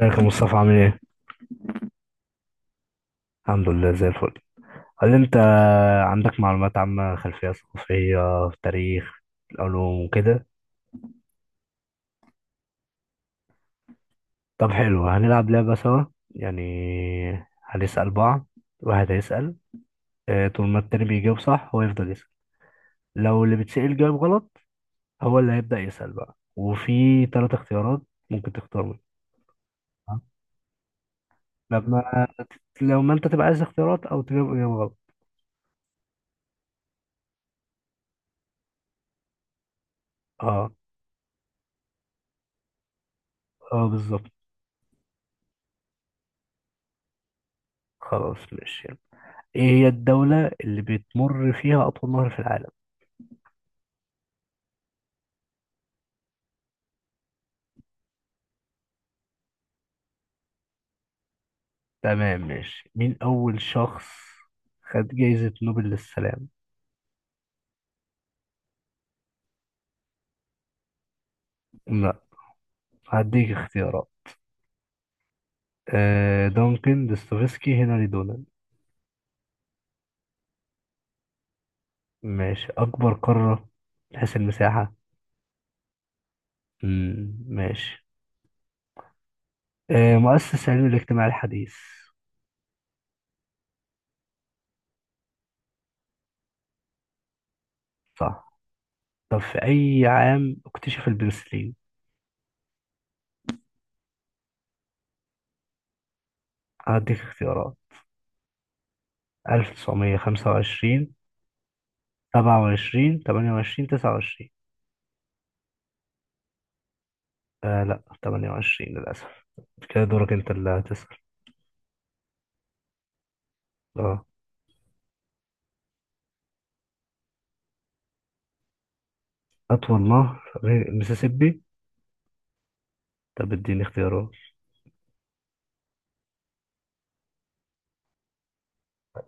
ازيك يا مصطفى عامل ايه؟ الحمد لله زي الفل. هل انت عندك معلومات عامة، خلفية ثقافية، تاريخ، علوم وكده؟ طب حلو، هنلعب لعبة سوا. يعني هنسأل بعض. واحد هيسأل، اه، طول ما التاني بيجاوب صح هو يفضل يسأل. لو اللي بيتسأل جاوب غلط هو اللي هيبدأ يسأل بقى، وفي تلات اختيارات ممكن تختار منهم. اه. لما لو ما انت تبقى عايز اختيارات او تجاوب اجابة غلط. اه، اه بالظبط. خلاص ماشي. ايه هي الدولة اللي بتمر فيها أطول نهر في العالم؟ تمام ماشي. مين أول شخص خد جايزة نوبل للسلام؟ لا، هديك اختيارات. آه، دونكن دوستويفسكي، هنري دونان. ماشي. أكبر قارة من حيث المساحة. مم. ماشي. آه مؤسس علم الاجتماع الحديث. صح. طب في أي عام اكتشف البنسلين؟ هديك اختيارات. 1925، 27، 28، 29. آه لا، 28 للأسف. كده دورك أنت اللي هتسأل. اه. أطول نهر غير المسيسيبي. طب اديني اختيارات.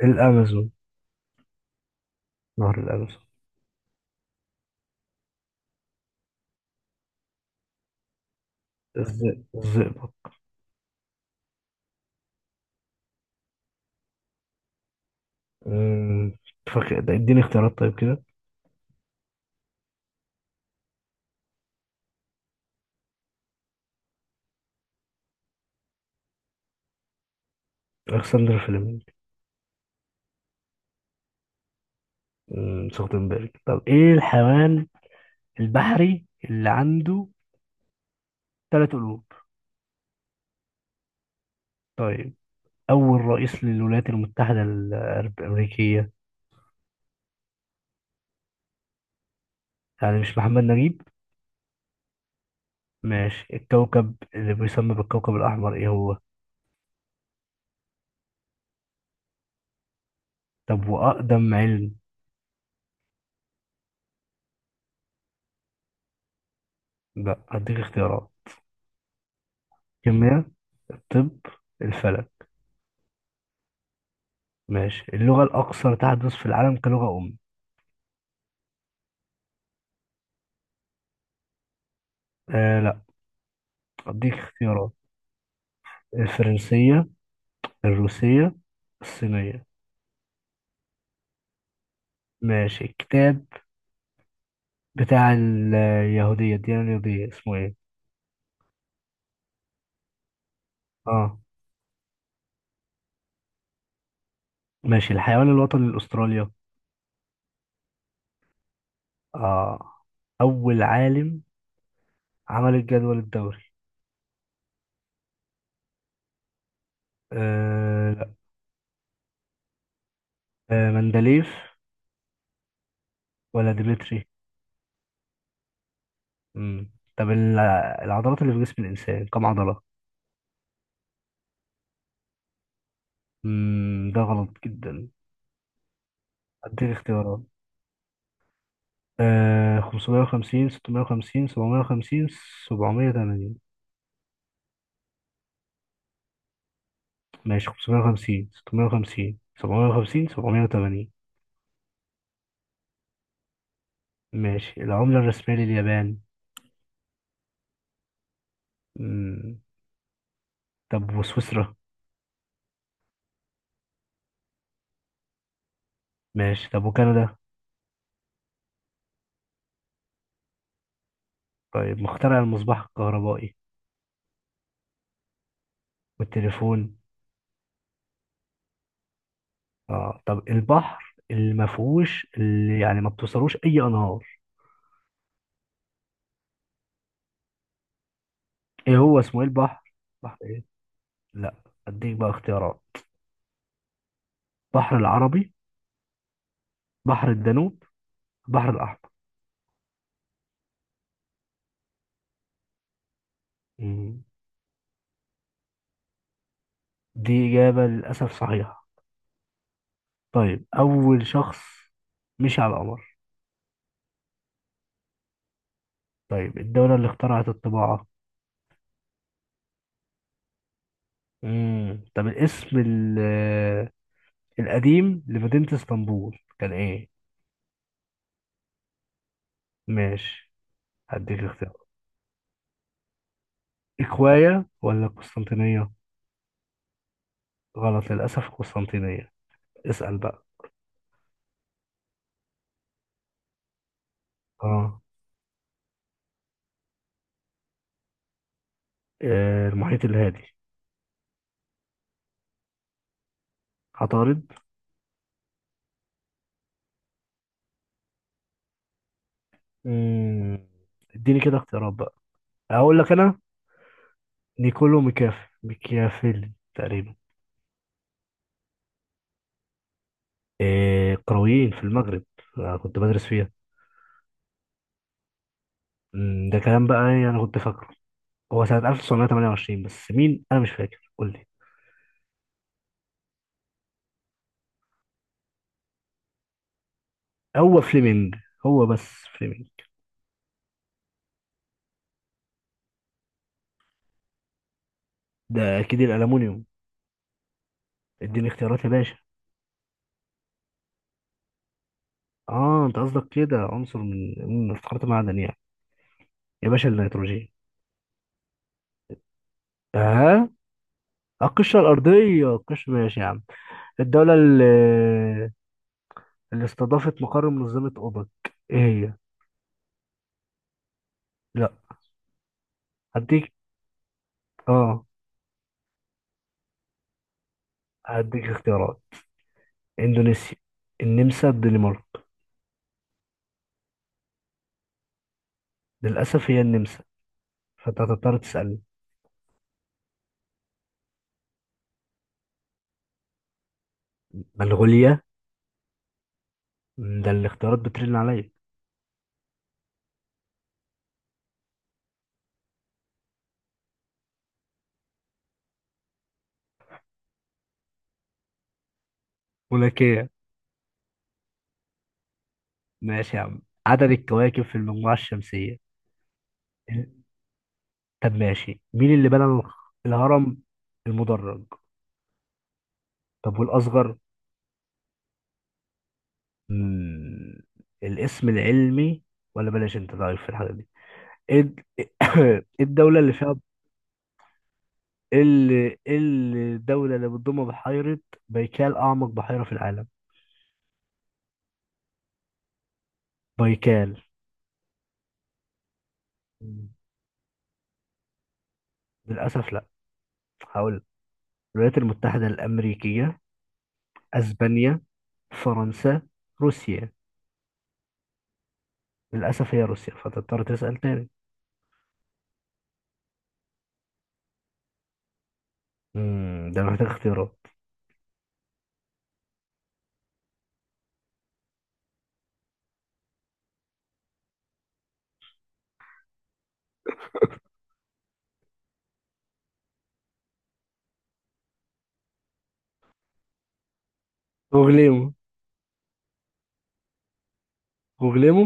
الأمازون. نهر الأمازون. الزئبق. أمم، فاكر ده، اديني اختيارات طيب كده. ألكسندر فليمنج. سخنبرج. طب إيه الحيوان البحري اللي عنده ثلاث قلوب؟ طيب أول رئيس للولايات المتحدة الأمريكية. يعني مش محمد نجيب. ماشي. الكوكب اللي بيسمى بالكوكب الأحمر إيه هو؟ طب وأقدم علم؟ بقى هديك اختيارات. كيمياء، الطب، الفلك. ماشي. اللغة الأكثر تحدث في العالم كلغة أم. آه لا، أديك اختيارات. الفرنسية، الروسية، الصينية. ماشي. الكتاب بتاع اليهودية، الديانة اليهودية اسمه ايه؟ اه. ماشي. الحيوان الوطني لأستراليا. اه. أول عالم عمل الجدول الدوري. آه لا. آه، مندليف ولا ديمتري. امم. طب العضلات اللي في جسم الإنسان كم عضلة؟ ده غلط جدا. أديك اختيارات. آه، 550، 650، 750، 780. ماشي، 550، 650، 750، 780. ماشي. العملة الرسمية لليابان. امم. طب وسويسرا؟ ماشي. طب وكندا؟ طيب مخترع المصباح الكهربائي. والتليفون. اه. طب البحر اللي ما فيهوش، اللي يعني ما بتوصلوش أي أنهار. ايه هو اسمه ايه البحر؟ بحر، لا. اديك بقى اختيارات. بحر العربي، بحر الدانوب، بحر الأحمر. مم. دي إجابة للأسف صحيحة. طيب أول شخص مشي على القمر. طيب الدولة اللي اخترعت الطباعة. مم. طب الاسم القديم لمدينة اسطنبول كان إيه؟ ماشي هديك اختيار. إكواية ولا قسطنطينية؟ غلط للأسف، قسطنطينية. اسأل بقى. اه. آه، المحيط الهادي. عطارد. مم. اديني كده اختيارات بقى، اقول لك انا. نيكولو ميكافيلي تقريبا. إيه، قرويين في المغرب، أنا كنت بدرس فيها. ده كلام بقى، يعني انا كنت فاكره هو سنة 1928، بس مين انا مش فاكر، قول لي. هو فليمنج، هو بس، فليمنج. ده اكيد الالومنيوم. اديني اختيارات يا باشا. اه انت قصدك كده عنصر، من افتقرت معدن يعني. يا باشا النيتروجين. اه. القشرة الأرضية، القشرة، ماشي يا عم. الدولة اللي, اللي استضافت مقر منظمة أوبك إيه هي؟ لا، هديك. اه، هديك اختيارات. اندونيسيا، النمسا، الدنمارك. للاسف هي النمسا، فانت هتضطر تسالني. منغوليا. مم، ده الاختيارات بترن عليا. ملوكية. ماشي يا عم. عدد الكواكب في المجموعة الشمسية. طب ماشي. مين اللي بنى الهرم المدرج؟ طب والأصغر؟ مم، الاسم العلمي، ولا بلاش انت ضعيف في الحاجة دي. ايه إيه الدولة اللي فيها، ايه إيه الدولة اللي بتضم بحيرة بايكال، أعمق بحيرة في العالم؟ بايكال. للأسف لا. هقول لك. الولايات المتحدة الأمريكية، أسبانيا، فرنسا، روسيا. للأسف هي روسيا، فتضطر تسأل تاني. مم، ده محتاج اختيارات. غوغليمو، غوغليمو.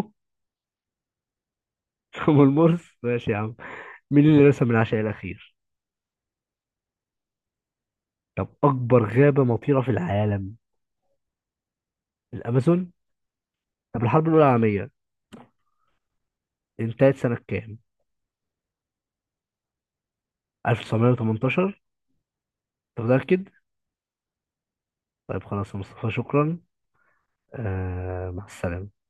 أم المرس، ماشي يا عم. مين اللي رسم العشاء الأخير؟ طب أكبر غابة مطيرة في العالم؟ الأمازون. طب الحرب الأولى العالمية انتهت سنة كام؟ 1918. أنت متأكد؟ طيب خلاص يا مصطفى شكرا. آه مع السلامة.